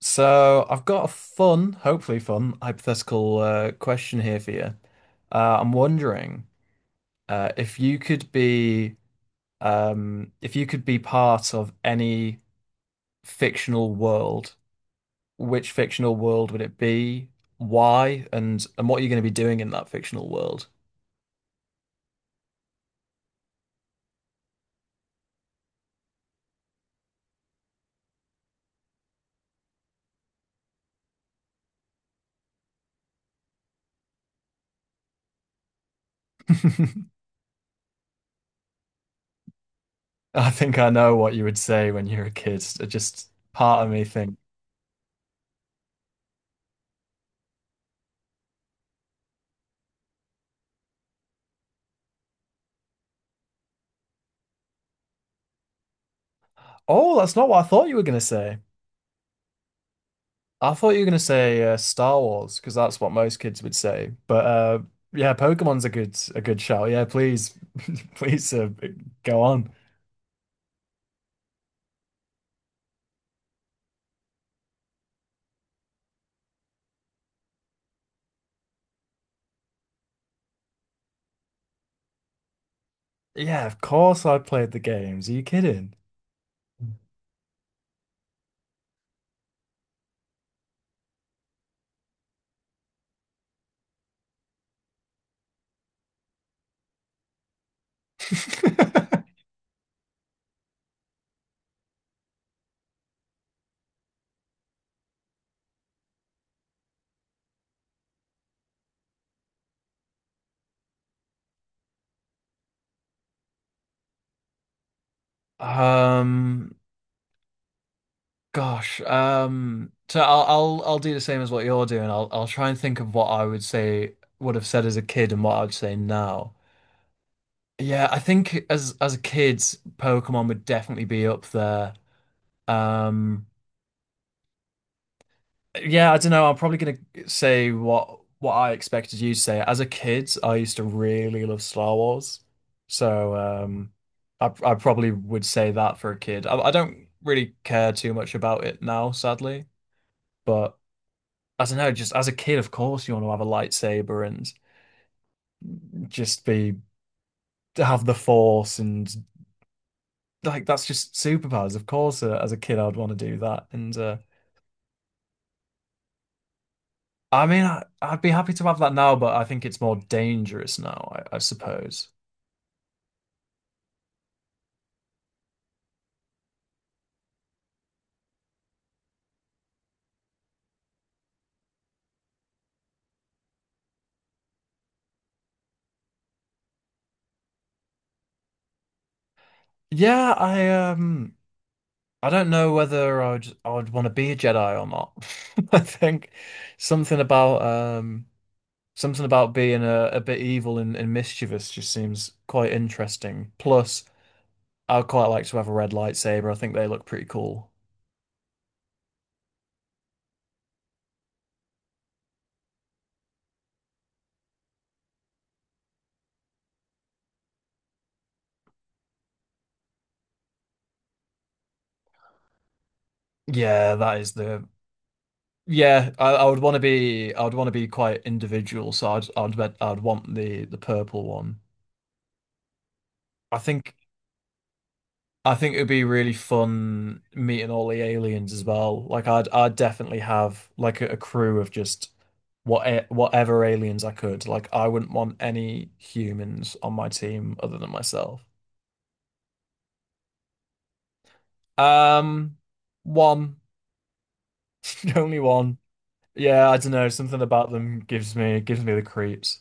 So I've got a fun, hopefully fun, hypothetical question here for you. I'm wondering if you could be if you could be part of any fictional world, which fictional world would it be? Why? And what are you going to be doing in that fictional world? I think I know what you would say when you're a kid. It just part of me think, oh, that's not what I thought you were going to. I thought you were gonna say Star Wars because that's what most kids would say. But yeah, Pokemon's a good shout. Yeah, please, please go on. Yeah, of course I played the games. Are you kidding? Um, gosh. So I'll do the same as what you're doing. I'll try and think of what I would say would have said as a kid and what I would say now. Yeah, I think as a kid, Pokemon would definitely be up there. Um. Yeah, I don't know. I'm probably gonna say what I expected you to say. As a kid, I used to really love Star Wars, so I probably would say that for a kid. I don't really care too much about it now, sadly. But I don't know. Just as a kid, of course, you want to have a lightsaber and just be have the Force and like that's just superpowers. Of course, as a kid, I'd want to do that. And I mean, I'd be happy to have that now, but I think it's more dangerous now, I suppose. Yeah, I don't know whether I would want to be a Jedi or not. I think something about um something about being a bit evil and mischievous just seems quite interesting. Plus, I'd quite like to have a red lightsaber. I think they look pretty cool. Yeah, that is the yeah, I would want to be I would want to be quite individual, so I'd want the purple one. I think I think it'd be really fun meeting all the aliens as well. Like I'd definitely have like a crew of just whatever aliens I could. Like I wouldn't want any humans on my team other than myself. Um, one, only one. Yeah, I don't know. Something about them gives me the creeps.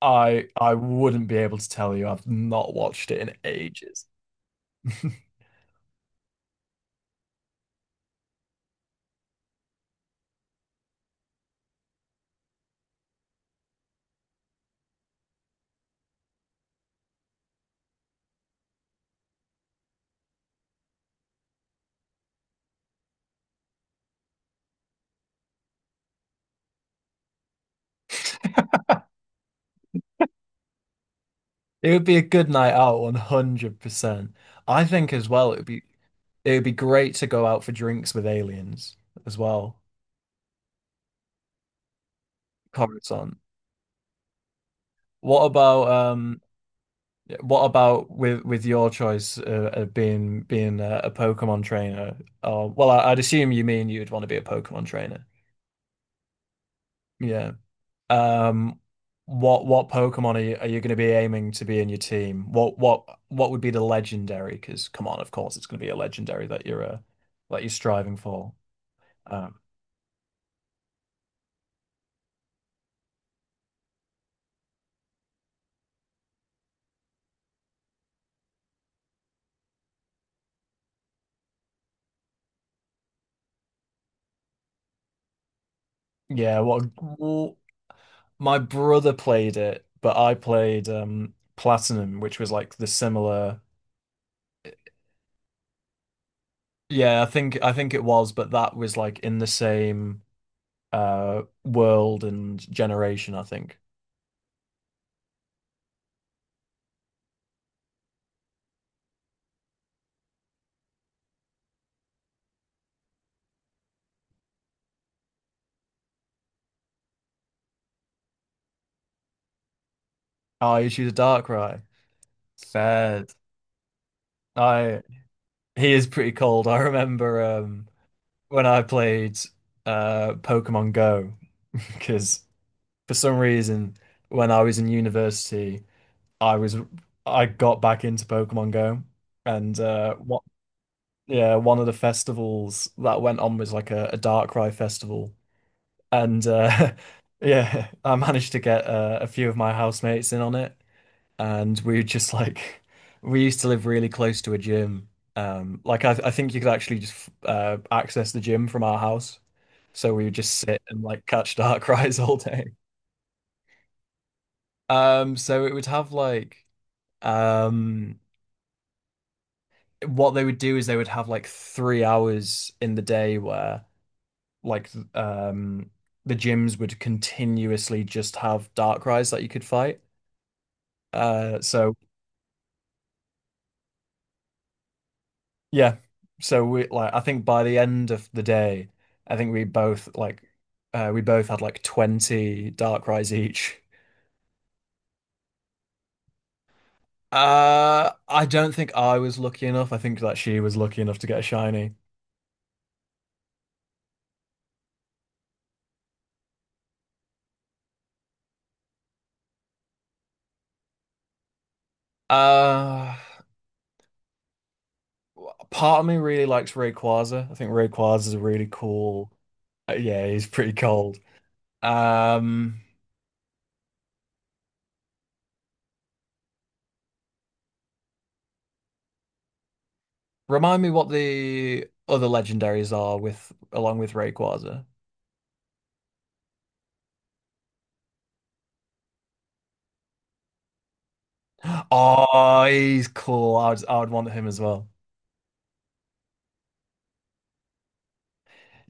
I wouldn't be able to tell you. I've not watched it in ages. It would be a good night out, 100%. I think as well, it would be great to go out for drinks with aliens as well. Coruscant. What about um what about with your choice of being a Pokemon trainer? Or well, I'd assume you mean you'd want to be a Pokemon trainer. Yeah. Um, what Pokemon are you going to be aiming to be in your team? What would be the legendary? Because come on, of course it's going to be a legendary that you're striving for. Um, yeah. What My brother played it, but I played Platinum, which was like the similar. Yeah, I think it was, but that was like in the same world and generation, I think. Oh, you choose a Darkrai. Sad. I He is pretty cold. I remember when I played Pokemon Go, because for some reason, when I was in university, I was I got back into Pokemon Go, and what yeah, one of the festivals that went on was like a Darkrai festival, and yeah, I managed to get a few of my housemates in on it, and we were just like we used to live really close to a gym. Like I think you could actually just access the gym from our house, so we would just sit and like catch dark cries all day. So it would have um, what they would do is they would have like 3 hours in the day where like th- um the gyms would continuously just have dark cries that you could fight. Uh, so Yeah. So we like I think by the end of the day, I think we both had like 20 dark rides each. Uh, I don't think I was lucky enough. I think that she was lucky enough to get a shiny. Uh, part of me really likes Rayquaza. I think Rayquaza is a really cool. Yeah, he's pretty cold. Um Remind me what the other legendaries are with along with Rayquaza. Oh, he's cool. I would want him as well.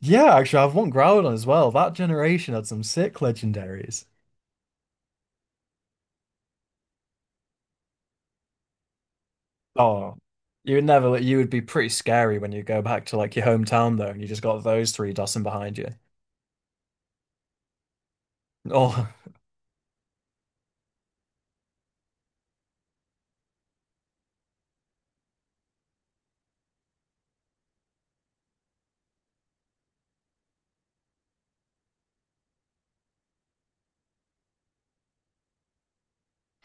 Yeah, actually, I've won Groudon as well. That generation had some sick legendaries. Oh, you would never, you would be pretty scary when you go back to like your hometown though, and you just got those three dossing behind you. Oh,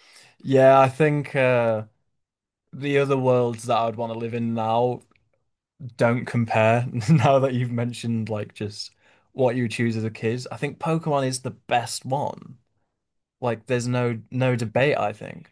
yeah, I think the other worlds that I'd want to live in now don't compare. Now that you've mentioned like just what you choose as a kid, I think Pokemon is the best one. Like, there's no debate, I think.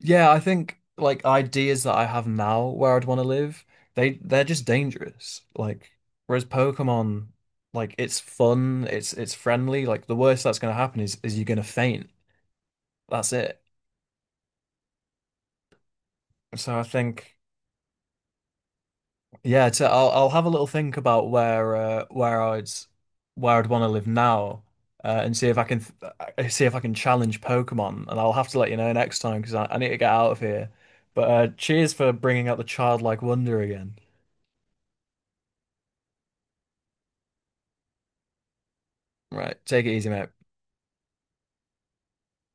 Yeah, I think like ideas that I have now where I'd want to live, they're just dangerous. Like whereas Pokemon, like it's fun, it's friendly. Like the worst that's going to happen is you're going to faint. That's it. So I think yeah, to, I'll have a little think about where I'd want to live now, and see if I can challenge Pokemon. And I'll have to let you know next time because I need to get out of here. But cheers for bringing out the childlike wonder again. Right. Take it easy, mate.